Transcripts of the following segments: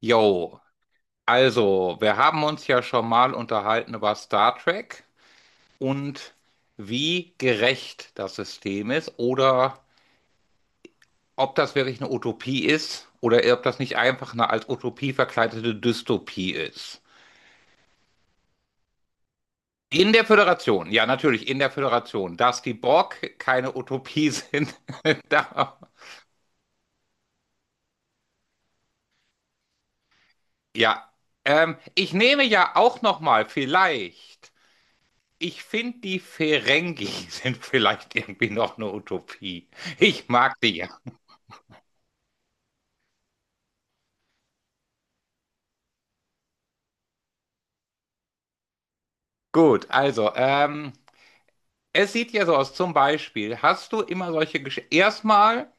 Jo, also, wir haben uns ja schon mal unterhalten über Star Trek und wie gerecht das System ist oder ob das wirklich eine Utopie ist oder ob das nicht einfach eine als Utopie verkleidete Dystopie ist. In der Föderation, ja, natürlich, in der Föderation, dass die Borg keine Utopie sind, da, ja. Ich nehme ja auch noch mal vielleicht. Ich finde, die Ferengi sind vielleicht irgendwie noch eine Utopie. Ich mag die ja. Gut, also, es sieht ja so aus, zum Beispiel, hast du immer solche Geschichten. Erstmal,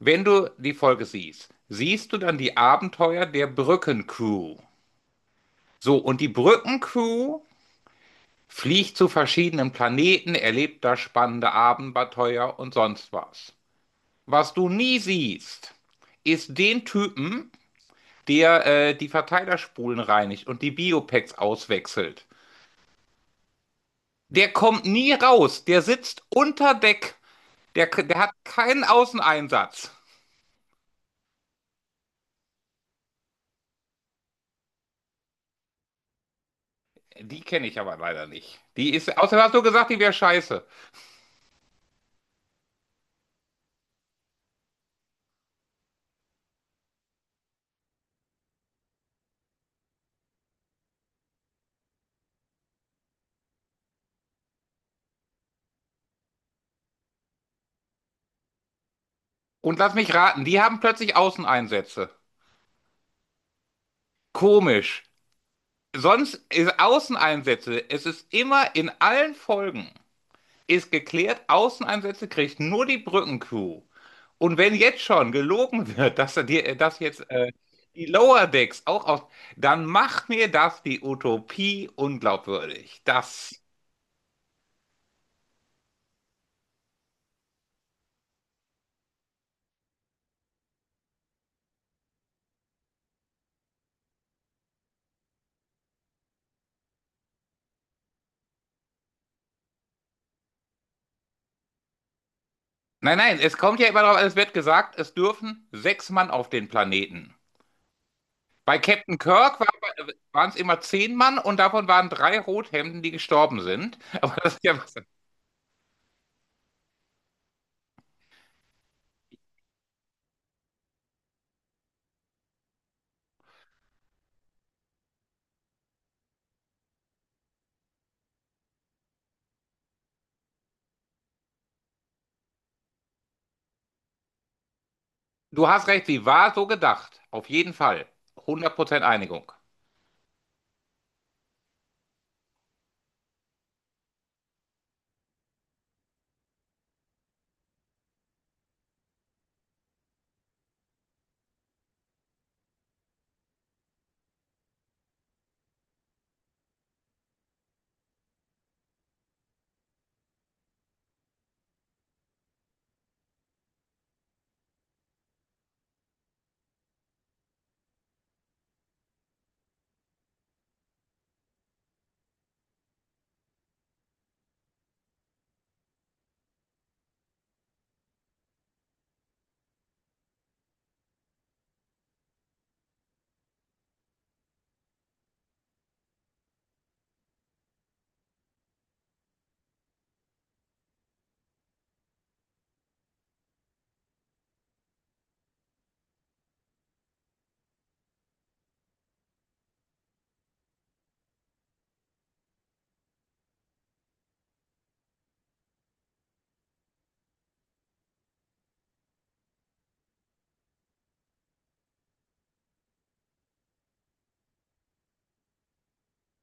wenn du die Folge siehst, siehst du dann die Abenteuer der Brückencrew. So, und die Brückencrew fliegt zu verschiedenen Planeten, erlebt da spannende Abenteuer und sonst was. Was du nie siehst, ist den Typen, der die Verteilerspulen reinigt und die Biopacks auswechselt. Der kommt nie raus. Der sitzt unter Deck. Der hat keinen Außeneinsatz. Die kenne ich aber leider nicht. Die ist, außerdem hast du gesagt, die wäre scheiße. Und lass mich raten, die haben plötzlich Außeneinsätze. Komisch. Sonst ist Außeneinsätze, es ist immer in allen Folgen, ist geklärt, Außeneinsätze kriegt nur die Brückencrew. Und wenn jetzt schon gelogen wird, dass, dass jetzt die Lower Decks auch aus, dann macht mir das die Utopie unglaubwürdig. Das. Nein, nein, es kommt ja immer darauf an, es wird gesagt, es dürfen 6 Mann auf den Planeten. Bei Captain Kirk war, waren es immer 10 Mann und davon waren drei Rothemden, die gestorben sind. Aber das ist ja was. Du hast recht, sie war so gedacht. Auf jeden Fall. 100% Einigung.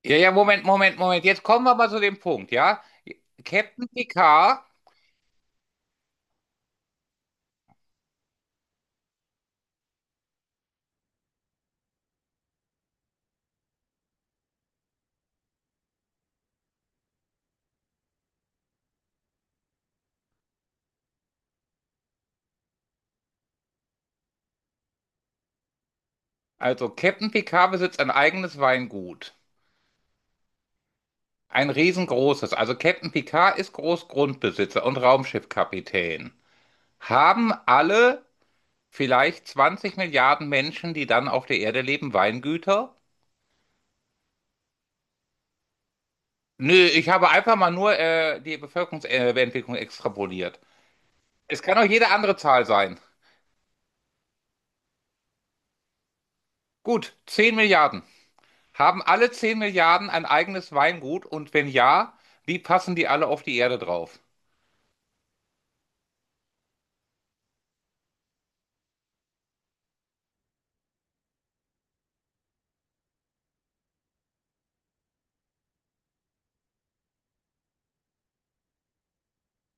Ja, ja, Moment, Moment, Moment. Jetzt kommen wir mal zu dem Punkt, ja? Captain Picard, also Captain Picard besitzt ein eigenes Weingut. Ein riesengroßes. Also Captain Picard ist Großgrundbesitzer und Raumschiffkapitän. Haben alle vielleicht 20 Milliarden Menschen, die dann auf der Erde leben, Weingüter? Nö, ich habe einfach mal nur die Bevölkerungsentwicklung extrapoliert. Es kann auch jede andere Zahl sein. Gut, 10 Milliarden. Haben alle 10 Milliarden ein eigenes Weingut? Und wenn ja, wie passen die alle auf die Erde drauf?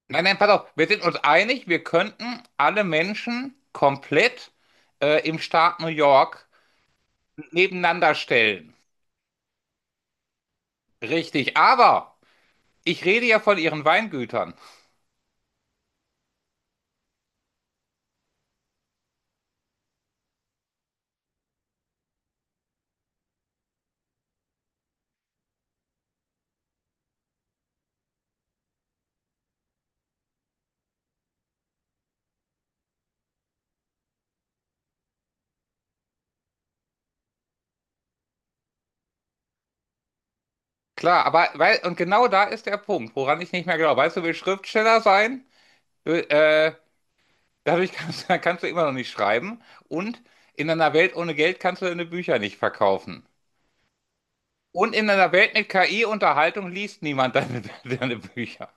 Nein, nein, pass auf, wir sind uns einig, wir könnten alle Menschen komplett im Staat New York nebeneinander stellen. Richtig, aber ich rede ja von ihren Weingütern. Klar, aber weil, und genau da ist der Punkt, woran ich nicht mehr glaube. Weißt du, will Schriftsteller sein? Will, dadurch kannst, kannst du immer noch nicht schreiben. Und in einer Welt ohne Geld kannst du deine Bücher nicht verkaufen. Und in einer Welt mit KI-Unterhaltung liest niemand deine, deine Bücher.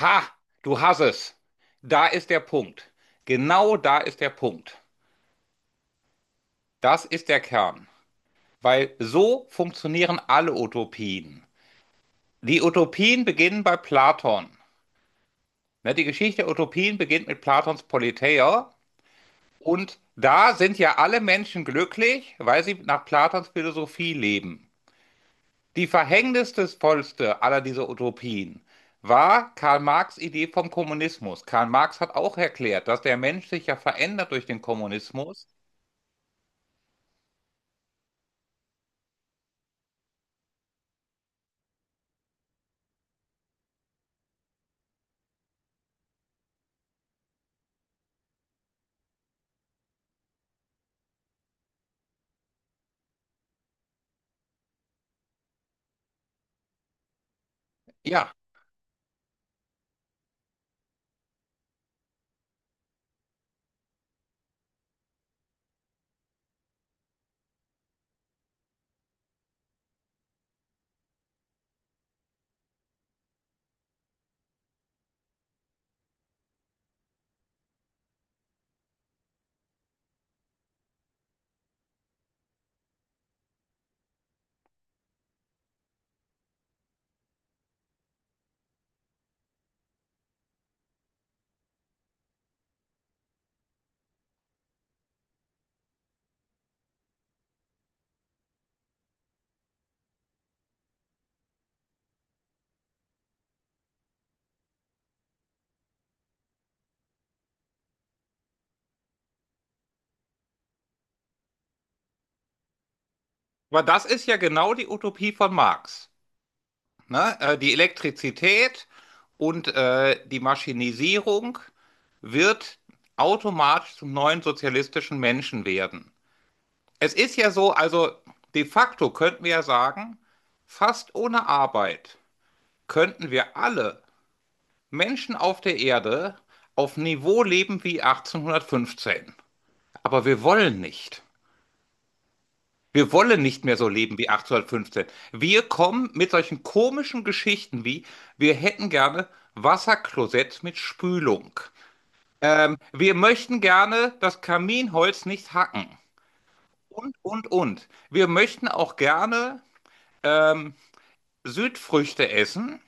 Ha, du hast es. Da ist der Punkt. Genau da ist der Punkt. Das ist der Kern. Weil so funktionieren alle Utopien. Die Utopien beginnen bei Platon. Ne, die Geschichte der Utopien beginnt mit Platons Politeia. Und da sind ja alle Menschen glücklich, weil sie nach Platons Philosophie leben. Die verhängnisvollste aller dieser Utopien war Karl Marx' Idee vom Kommunismus. Karl Marx hat auch erklärt, dass der Mensch sich ja verändert durch den Kommunismus. Ja, aber das ist ja genau die Utopie von Marx. Ne? Die Elektrizität und die Maschinisierung wird automatisch zum neuen sozialistischen Menschen werden. Es ist ja so, also de facto könnten wir ja sagen, fast ohne Arbeit könnten wir alle Menschen auf der Erde auf Niveau leben wie 1815. Aber wir wollen nicht. Wir wollen nicht mehr so leben wie 1815. Wir kommen mit solchen komischen Geschichten wie, wir hätten gerne Wasserklosett mit Spülung. Wir möchten gerne das Kaminholz nicht hacken. Und, und. Wir möchten auch gerne ähm, Südfrüchte essen.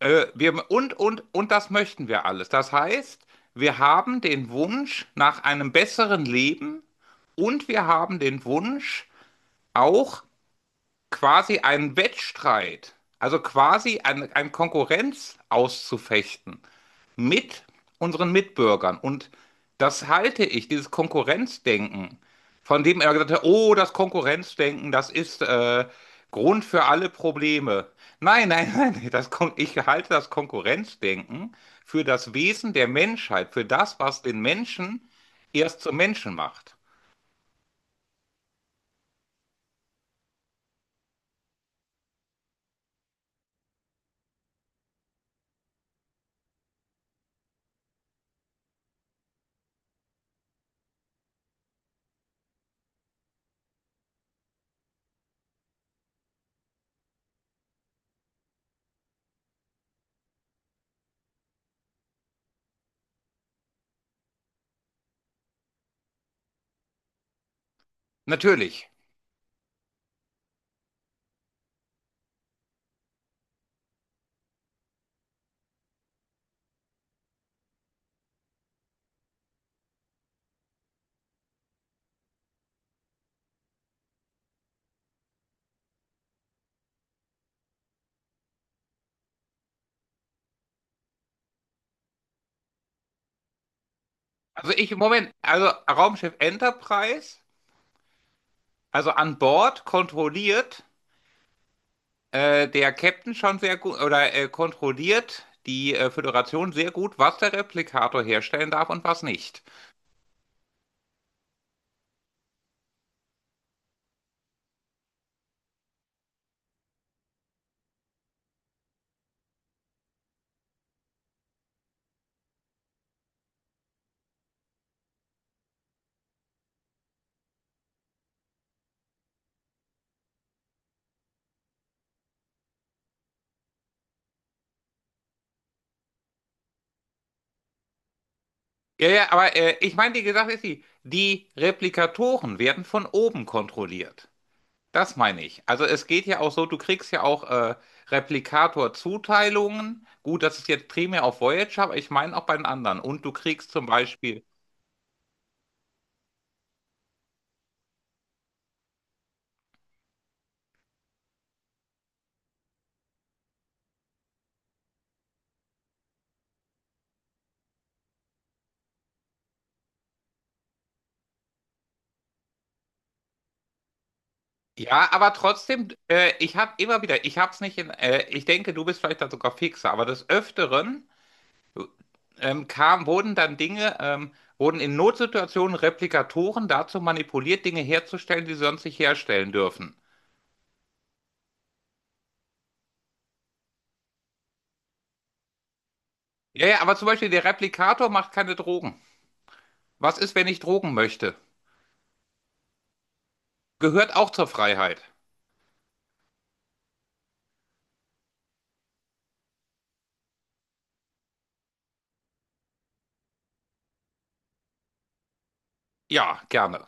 Wir, und das möchten wir alles. Das heißt, wir haben den Wunsch nach einem besseren Leben und wir haben den Wunsch auch quasi einen Wettstreit, also quasi ein Konkurrenz auszufechten mit unseren Mitbürgern. Und das halte ich, dieses Konkurrenzdenken, von dem er gesagt hat, oh, das Konkurrenzdenken, das ist Grund für alle Probleme. Nein, nein, nein, das, ich halte das Konkurrenzdenken für das Wesen der Menschheit, für das, was den Menschen erst zum Menschen macht. Natürlich. Also ich, Moment, also Raumschiff Enterprise, also an Bord kontrolliert der Captain schon sehr gut oder kontrolliert die Föderation sehr gut, was der Replikator herstellen darf und was nicht. Ja, ja, aber ich meine, wie gesagt, ist die, die Replikatoren werden von oben kontrolliert. Das meine ich. Also es geht ja auch so, du kriegst ja auch Replikator-Zuteilungen. Gut, das ist jetzt primär auf Voyager, aber ich meine auch bei den anderen. Und du kriegst zum Beispiel. Ja, aber trotzdem, ich habe immer wieder, ich habe es nicht in, ich denke, du bist vielleicht da sogar fixer, aber des Öfteren kam, wurden dann Dinge, wurden in Notsituationen Replikatoren dazu manipuliert, Dinge herzustellen, die sie sonst nicht herstellen dürfen. Ja, ja, aber zum Beispiel der Replikator macht keine Drogen. Was ist, wenn ich Drogen möchte? Gehört auch zur Freiheit. Ja, gerne.